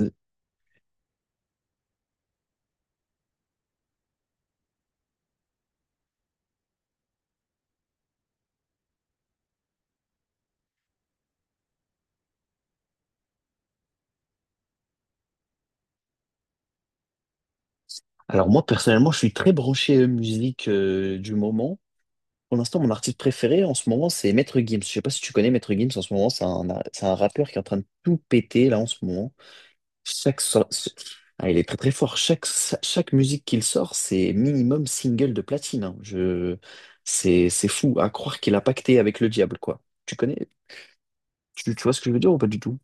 Euh, Alors moi personnellement, je suis très branché musique du moment. Pour l'instant, mon artiste préféré en ce moment, c'est Maître Gims. Je sais pas si tu connais Maître Gims en ce moment, c'est un rappeur qui est en train de tout péter là en ce moment. Chaque so- Ah, il est très très fort. Chaque musique qu'il sort, c'est minimum single de platine, hein. Je... c'est fou à croire qu'il a pacté avec le diable, quoi. Tu connais? Tu vois ce que je veux dire ou pas du tout?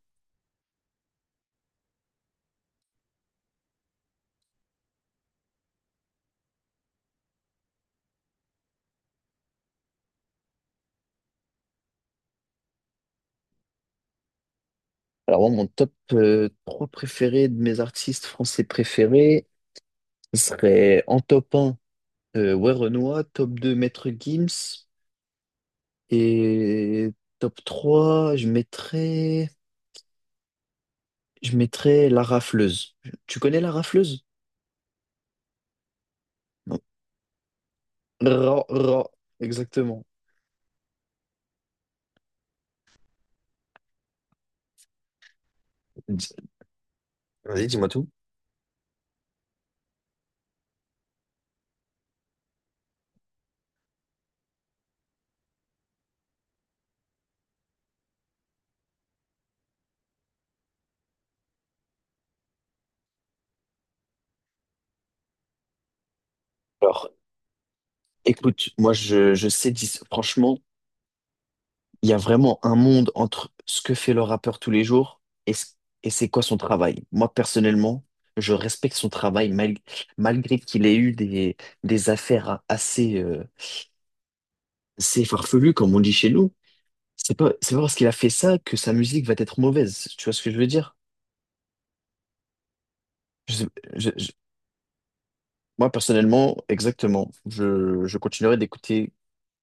Alors moi, mon top 3 préféré de mes artistes français préférés ce serait en top 1. Ouais, Renoir, top 2, Maître Gims. Et top 3, je mettrais la rafleuse. Tu connais la rafleuse? Non. Ra- ra- exactement. Di- Vas-y, dis-moi tout. Alors, écoute, moi, je sais, dis- franchement, il y a vraiment un monde entre ce que fait le rappeur tous les jours et c'est quoi son travail. Moi, personnellement, je respecte son travail malgré qu'il ait eu des affaires assez, assez farfelues, comme on dit chez nous. C'est pas parce qu'il a fait ça que sa musique va être mauvaise. Tu vois ce que je veux dire? Je sais- je- moi, personnellement, exactement. Je continuerai d'écouter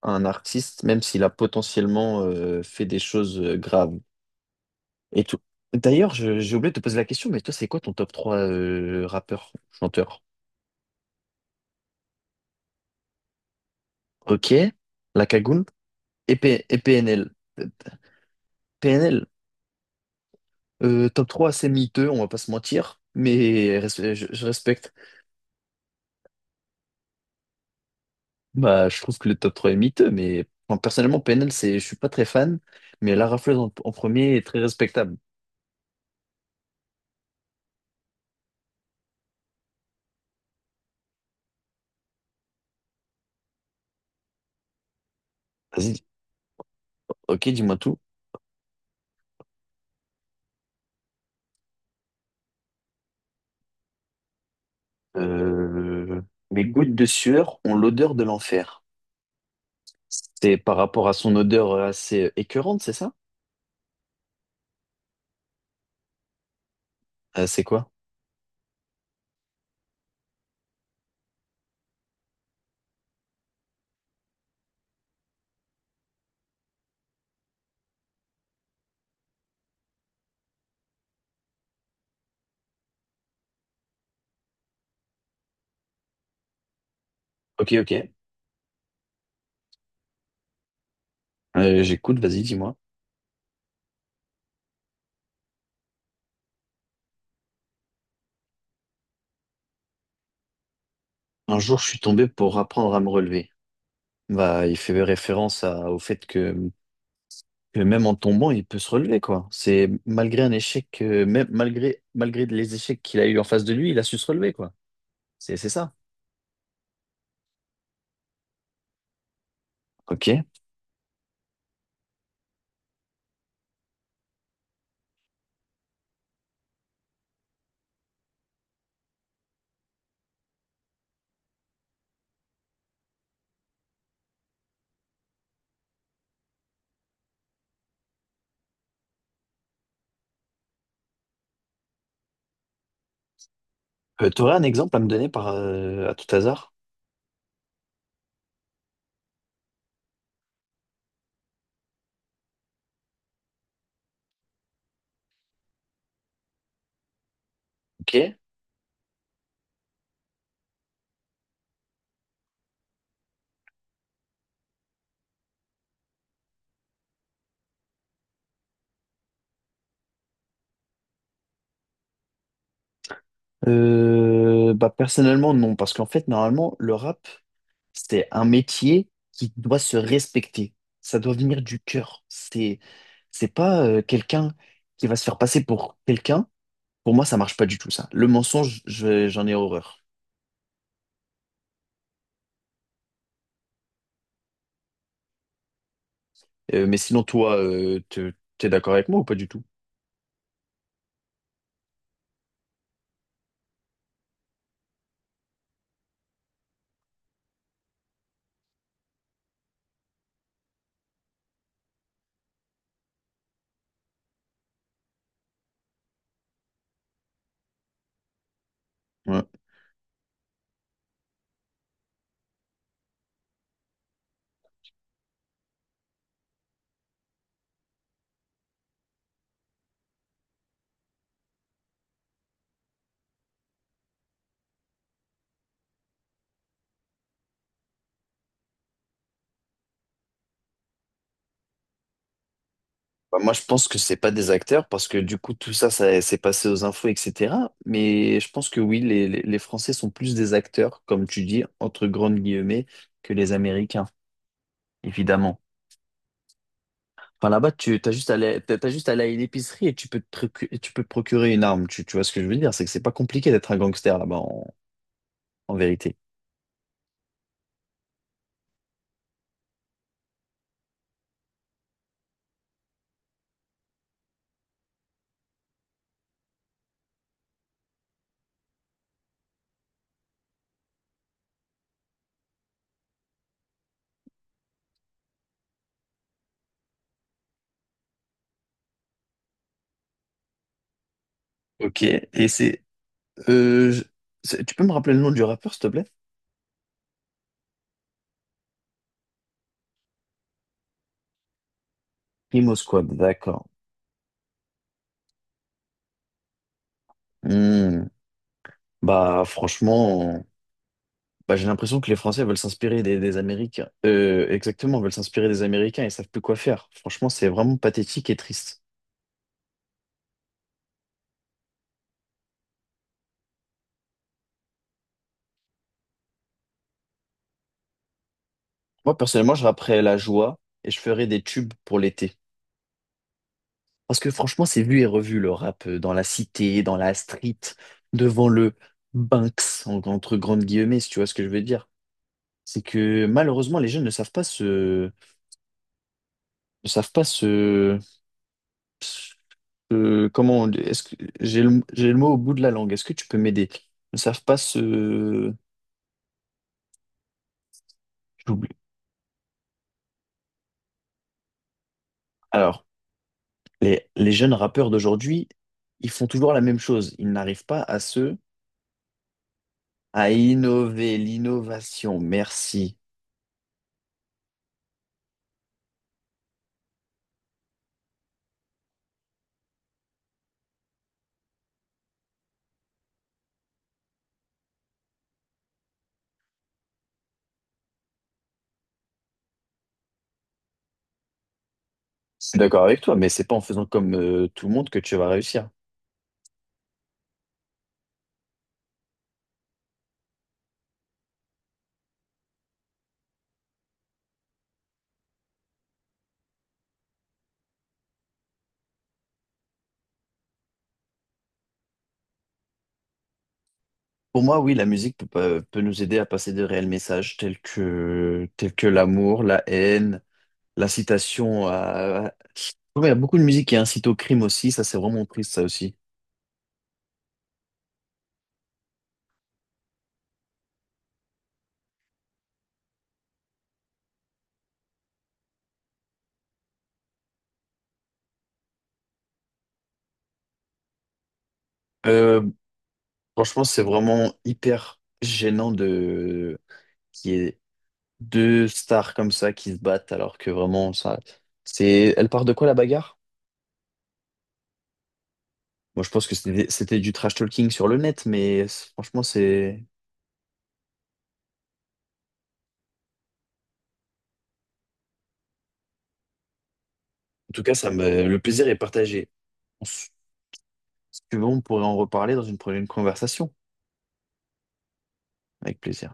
un artiste, même s'il a potentiellement fait des choses graves. Et tout. D'ailleurs, j'ai oublié de te poser la question, mais toi, c'est quoi ton top 3 rappeur, chanteur? Ok, La Cagoule et PNL. Euh, PNL, euh, Top 3 c'est miteux, on va pas se mentir, mais je respecte. Bah, je trouve que le top 3 est miteux, mais enfin, personnellement, je suis pas très fan, mais La Rafleuse en premier est très respectable. Vas-y, ok, dis-moi tout. Euh, mes gouttes de sueur ont l'odeur de l'enfer. C'est par rapport à son odeur assez écœurante, c'est ça? C'est quoi? Ok, ok. J'écoute, vas-y, dis-moi. Un jour, je suis tombé pour apprendre à me relever. Bah, il fait au fait que même en tombant, il peut se relever, quoi. C'est malgré un échec, malgré les échecs qu'il a eu en face de lui, il a su se relever, quoi. C'est ça. Ok. T'aurais un exemple à me donner par, à tout hasard? Ok. Bah, personnellement, non, parce qu'en fait, normalement, le rap, c'est un métier qui doit se respecter. Ça doit venir du cœur. C'est pas quelqu'un qui va se faire passer pour quelqu'un. Pour moi, ça marche pas du tout, ça. Le mensonge, j'en ai horreur. Mais sinon, toi, t'es d'accord avec moi ou pas du tout? Ouais. Bah, moi, je pense que c'est pas des acteurs parce que du coup, tout ça, ça s'est passé aux infos, etc. Mais je pense que oui, les Français sont plus des acteurs, comme tu dis, entre grandes guillemets, que les Américains, évidemment. Enfin, là-bas, tu t'as juste à aller, t'as juste à aller à une épicerie et tu peux et tu peux te procurer une arme. Tu vois ce que je veux dire? C'est que c'est pas compliqué d'être un gangster en vérité. Ok, et c'est... euh, je- tu peux me rappeler le nom du rappeur, s'il te plaît? Primo Squad, d'accord. Hmm. Bah franchement, bah, j'ai l'impression que les Français veulent s'inspirer des Américains. Exactement, veulent s'inspirer des Américains et savent plus quoi faire. Franchement, c'est vraiment pathétique et triste. Moi, personnellement, je rapperais la joie et je ferais des tubes pour l'été. Parce que franchement, c'est vu et revu le rap dans la cité, dans la street, devant le Banks, entre grandes guillemets, si tu vois ce que je veux dire. C'est que malheureusement, les jeunes ne savent pas se. Ne savent pas se. Est-ce que j'ai j'ai le mot au bout de la langue. Est-ce que tu peux m'aider? Ne savent pas se. J'oublie. Alors, les jeunes rappeurs d'aujourd'hui, ils font toujours la même chose. Ils n'arrivent pas à se. À innover. L'innovation, merci. Je suis d'accord avec toi, mais c'est pas en faisant comme tout le monde que tu vas réussir. Pour moi, oui, la musique peut, pas- peut nous aider à passer de réels messages tels que l'amour, la haine, l'incitation à... Ouais, il y a beaucoup de musique qui incite au crime aussi, ça c'est vraiment triste ça aussi. Euh, franchement, c'est vraiment hyper gênant de qu'il y ait deux stars comme ça qui se battent alors que vraiment ça... C'est elle part de quoi la bagarre? Moi je pense que c'était du trash talking sur le net, franchement c'est... En tout cas, ça me... le plaisir est partagé. Si tu veux, on pourrait en reparler dans une prochaine conversation. Avec plaisir.